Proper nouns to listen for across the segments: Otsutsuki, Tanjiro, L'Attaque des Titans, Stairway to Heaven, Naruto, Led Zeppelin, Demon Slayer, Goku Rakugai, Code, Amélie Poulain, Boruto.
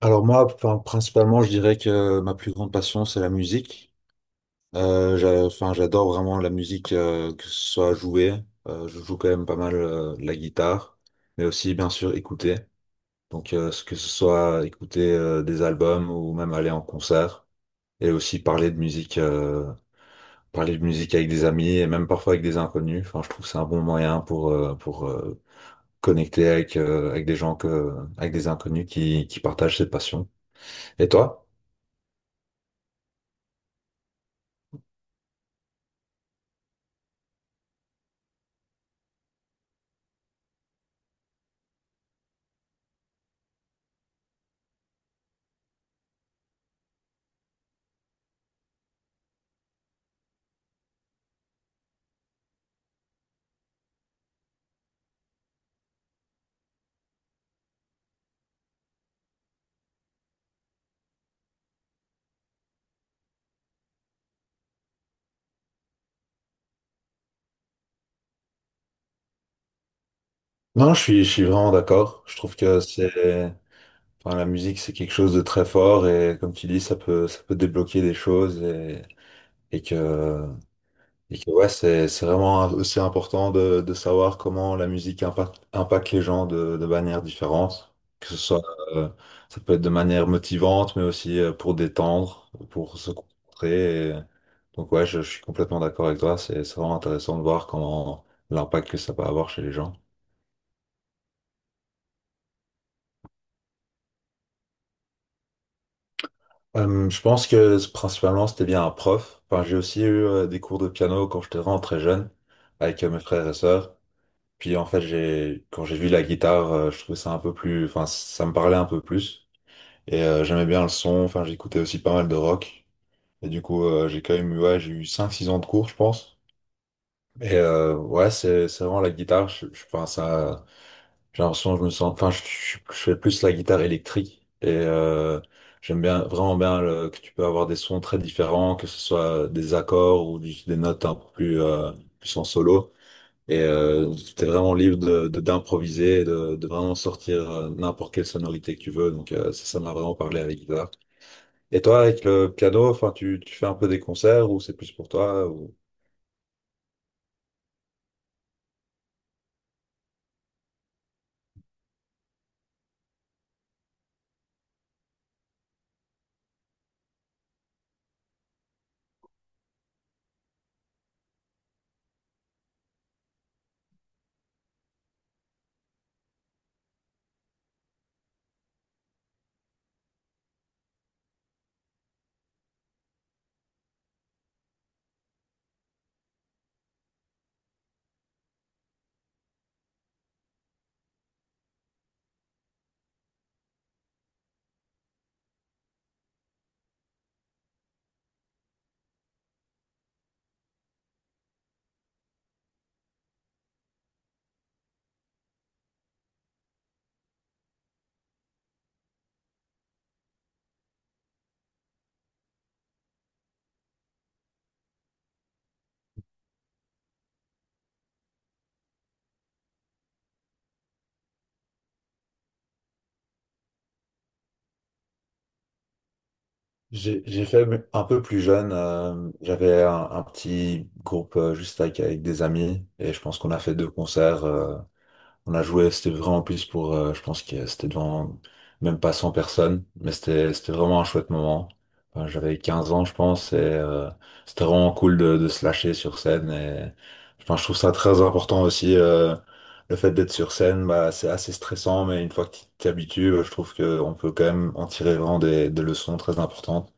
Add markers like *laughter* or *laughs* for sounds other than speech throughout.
Alors moi, enfin, principalement, je dirais que ma plus grande passion, c'est la musique. Enfin, j'adore vraiment la musique, que ce soit jouer. Je joue quand même pas mal la guitare, mais aussi bien sûr écouter. Donc, ce soit écouter des albums ou même aller en concert et aussi parler de musique avec des amis et même parfois avec des inconnus. Enfin, je trouve que c'est un bon moyen pour connecter avec des gens que avec des inconnus qui partagent cette passion. Et toi? Non, je suis vraiment d'accord. Je trouve que c'est, enfin, la musique, c'est quelque chose de très fort et comme tu dis, ça peut débloquer des choses et que, et que ouais, c'est vraiment aussi important de savoir comment la musique impacte les gens de manière différente. Que ce soit, euh, Ça peut être de manière motivante, mais aussi pour détendre, pour se concentrer. Donc ouais, je suis complètement d'accord avec toi. C'est vraiment intéressant de voir comment l'impact que ça peut avoir chez les gens. Je pense que principalement c'était bien un prof. Enfin, j'ai aussi eu des cours de piano quand j'étais vraiment très jeune avec mes frères et sœurs. Puis en fait, j'ai quand j'ai vu la guitare, je trouvais ça un peu plus, enfin, ça me parlait un peu plus et j'aimais bien le son. Enfin, j'écoutais aussi pas mal de rock et du coup, j'ai quand même eu, ouais, j'ai eu 5, 6 ans de cours, je pense. Et ouais, c'est vraiment la guitare. Je pense à j'ai l'impression que je me sens. Enfin, je fais plus la guitare électrique et j'aime bien vraiment bien que tu peux avoir des sons très différents, que ce soit des accords ou juste des notes un peu plus en solo. Et t'es vraiment libre d'improviser, de vraiment sortir n'importe quelle sonorité que tu veux. Donc, ça m'a vraiment parlé avec la guitare. Et toi, avec le piano, enfin, tu fais un peu des concerts ou c'est plus pour toi ou? J'ai fait un peu plus jeune. J'avais un petit groupe juste avec des amis et je pense qu'on a fait deux concerts. On a joué, c'était vraiment plus pour, je pense que c'était devant même pas 100 personnes, mais c'était vraiment un chouette moment. Enfin, j'avais 15 ans, je pense, et c'était vraiment cool de se lâcher sur scène. Et je trouve ça très important aussi. Le fait d'être sur scène, bah, c'est assez stressant, mais une fois que tu t'y habitues, je trouve qu'on peut quand même en tirer vraiment des leçons très importantes.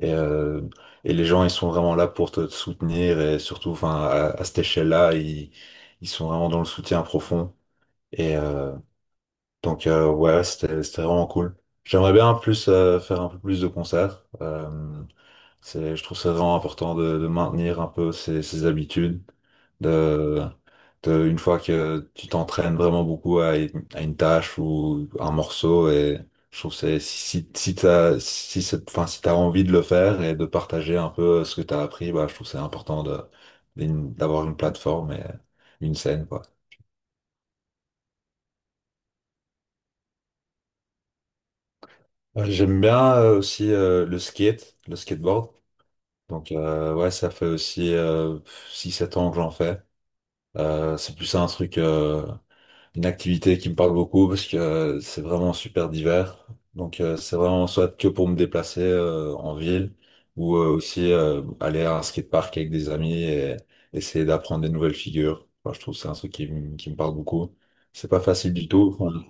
Et, euh, et les gens, ils sont vraiment là pour te soutenir et surtout, enfin, à cette échelle-là, ils sont vraiment dans le soutien profond. Et euh, donc, ouais, c'était vraiment cool. J'aimerais bien plus faire un peu plus de concerts. C'est, je trouve ça vraiment important de maintenir un peu ces habitudes. De, une fois que tu t'entraînes vraiment beaucoup à une tâche ou un morceau, et je trouve que c'est- si, si si t'as, si c'est- enfin, si t'as envie de le faire et de partager un peu ce que t'as appris, bah, je trouve que c'est important d'avoir une plateforme et une scène, quoi. J'aime bien aussi le skate, le skateboard. Donc, ouais, ça fait aussi six sept ans que j'en fais. C'est plus un truc, une activité qui me parle beaucoup parce que c'est vraiment super divers. Donc, c'est vraiment soit que pour me déplacer en ville ou aussi aller à un skatepark avec des amis et essayer d'apprendre des nouvelles figures. Enfin, je trouve que c'est un truc qui me parle beaucoup. C'est pas facile du tout. Enfin,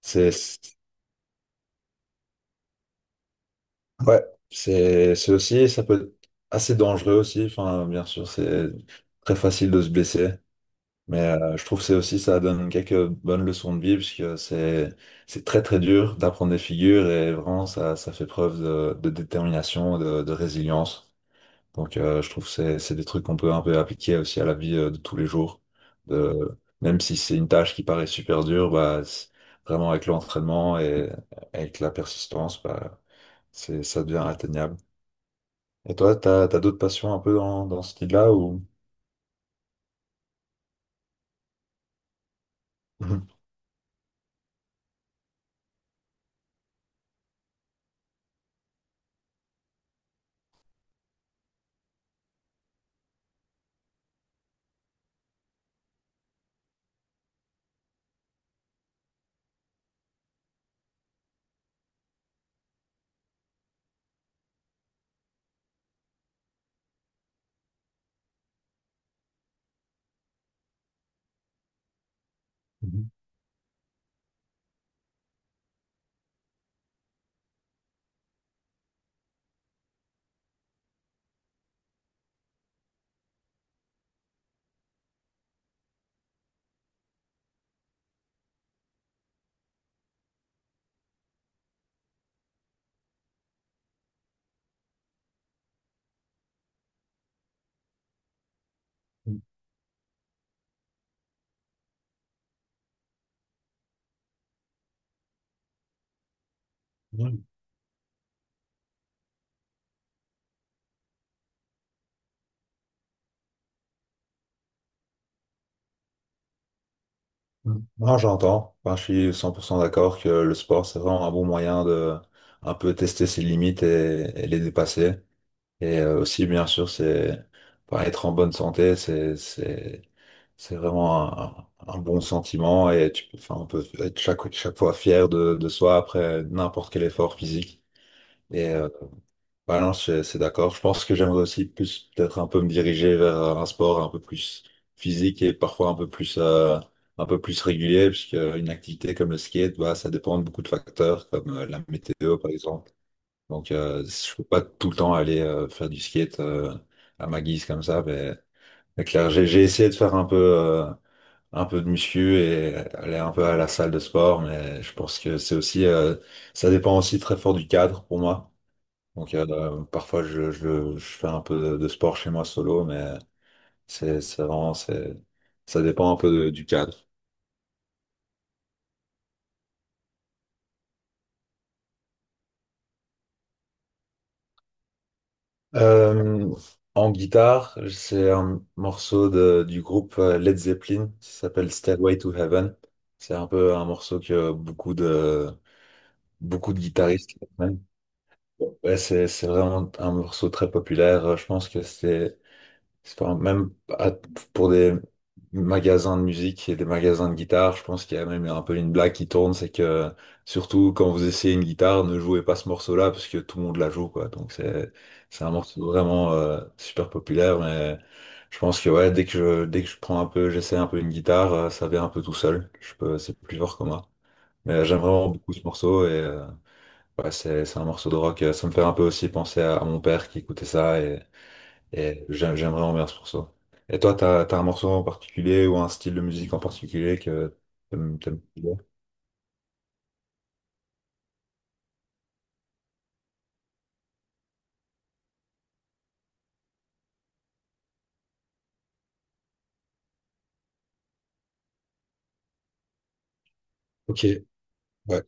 c'est c'est- ouais, c'est aussi ça peut être assez dangereux aussi. Enfin, bien sûr, c'est très facile de se blesser. Mais je trouve que c'est aussi ça donne quelques bonnes leçons de vie puisque c'est très très dur d'apprendre des figures et vraiment ça fait preuve de détermination de résilience. Donc, je trouve que c'est des trucs qu'on peut un peu appliquer aussi à la vie de tous les jours. De même si c'est une tâche qui paraît super dure, bah vraiment avec l'entraînement et avec la persistance, bah c'est ça devient atteignable. Et toi, t'as d'autres passions un peu dans ce style-là ou? *laughs* Mm. Non, j'entends. Enfin, je suis 100% d'accord que le sport, c'est vraiment un bon moyen de un peu tester ses limites et les dépasser. Et aussi, bien sûr, c'est enfin, être en bonne santé, c'est vraiment un bon sentiment et enfin, on peut être chaque fois fier de soi après n'importe quel effort physique. Et bah non, c'est d'accord. Je pense que j'aimerais aussi plus peut-être un peu me diriger vers un sport un peu plus physique et parfois un peu plus régulier, puisque une activité comme le skate, bah ça dépend de beaucoup de facteurs, comme la météo par exemple. Donc, je peux pas tout le temps aller faire du skate à ma guise comme ça, mais clair, j'ai essayé de faire un peu de muscu et aller un peu à la salle de sport, mais je pense que c'est aussi ça dépend aussi très fort du cadre pour moi. Donc, parfois je fais un peu de sport chez moi solo, mais c'est vraiment c'est ça dépend un peu du cadre. Euh, En guitare, c'est un morceau du groupe Led Zeppelin, ça s'appelle Stairway to Heaven. C'est un peu un morceau que beaucoup de guitaristes aiment. Ouais, c'est vraiment un morceau très populaire. Je pense que c'est enfin, même à- pour des magasins de musique et des magasins de guitare, je pense qu'il y a même un peu une blague qui tourne, c'est que surtout quand vous essayez une guitare, ne jouez pas ce morceau-là parce que tout le monde la joue, quoi. Donc c'est un morceau vraiment super populaire, mais je pense que ouais, dès que je prends un peu, j'essaie un peu une guitare, ça vient un peu tout seul. C'est plus fort que moi. Mais j'aime vraiment beaucoup ce morceau et ouais, c'est un morceau de rock. Ça me fait un peu aussi penser à mon père qui écoutait ça et j'aimerais en verse pour ça. Et toi, t'as un morceau en particulier ou un style de musique en particulier que t'aimes bien Ok, ouais.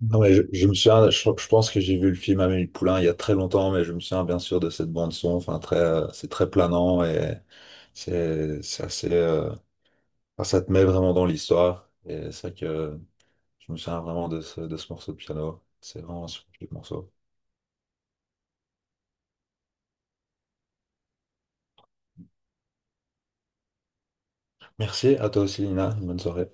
Non, mais je me souviens, je pense que j'ai vu le film Amélie Poulain il y a très longtemps, mais je me souviens bien sûr de cette bande son. Enfin, très, c'est très planant et c'est assez, enfin, ça te met vraiment dans l'histoire. Et c'est vrai que je me souviens vraiment de ce morceau de piano. C'est vraiment un super morceau. Merci à toi aussi, Lina. Une bonne soirée.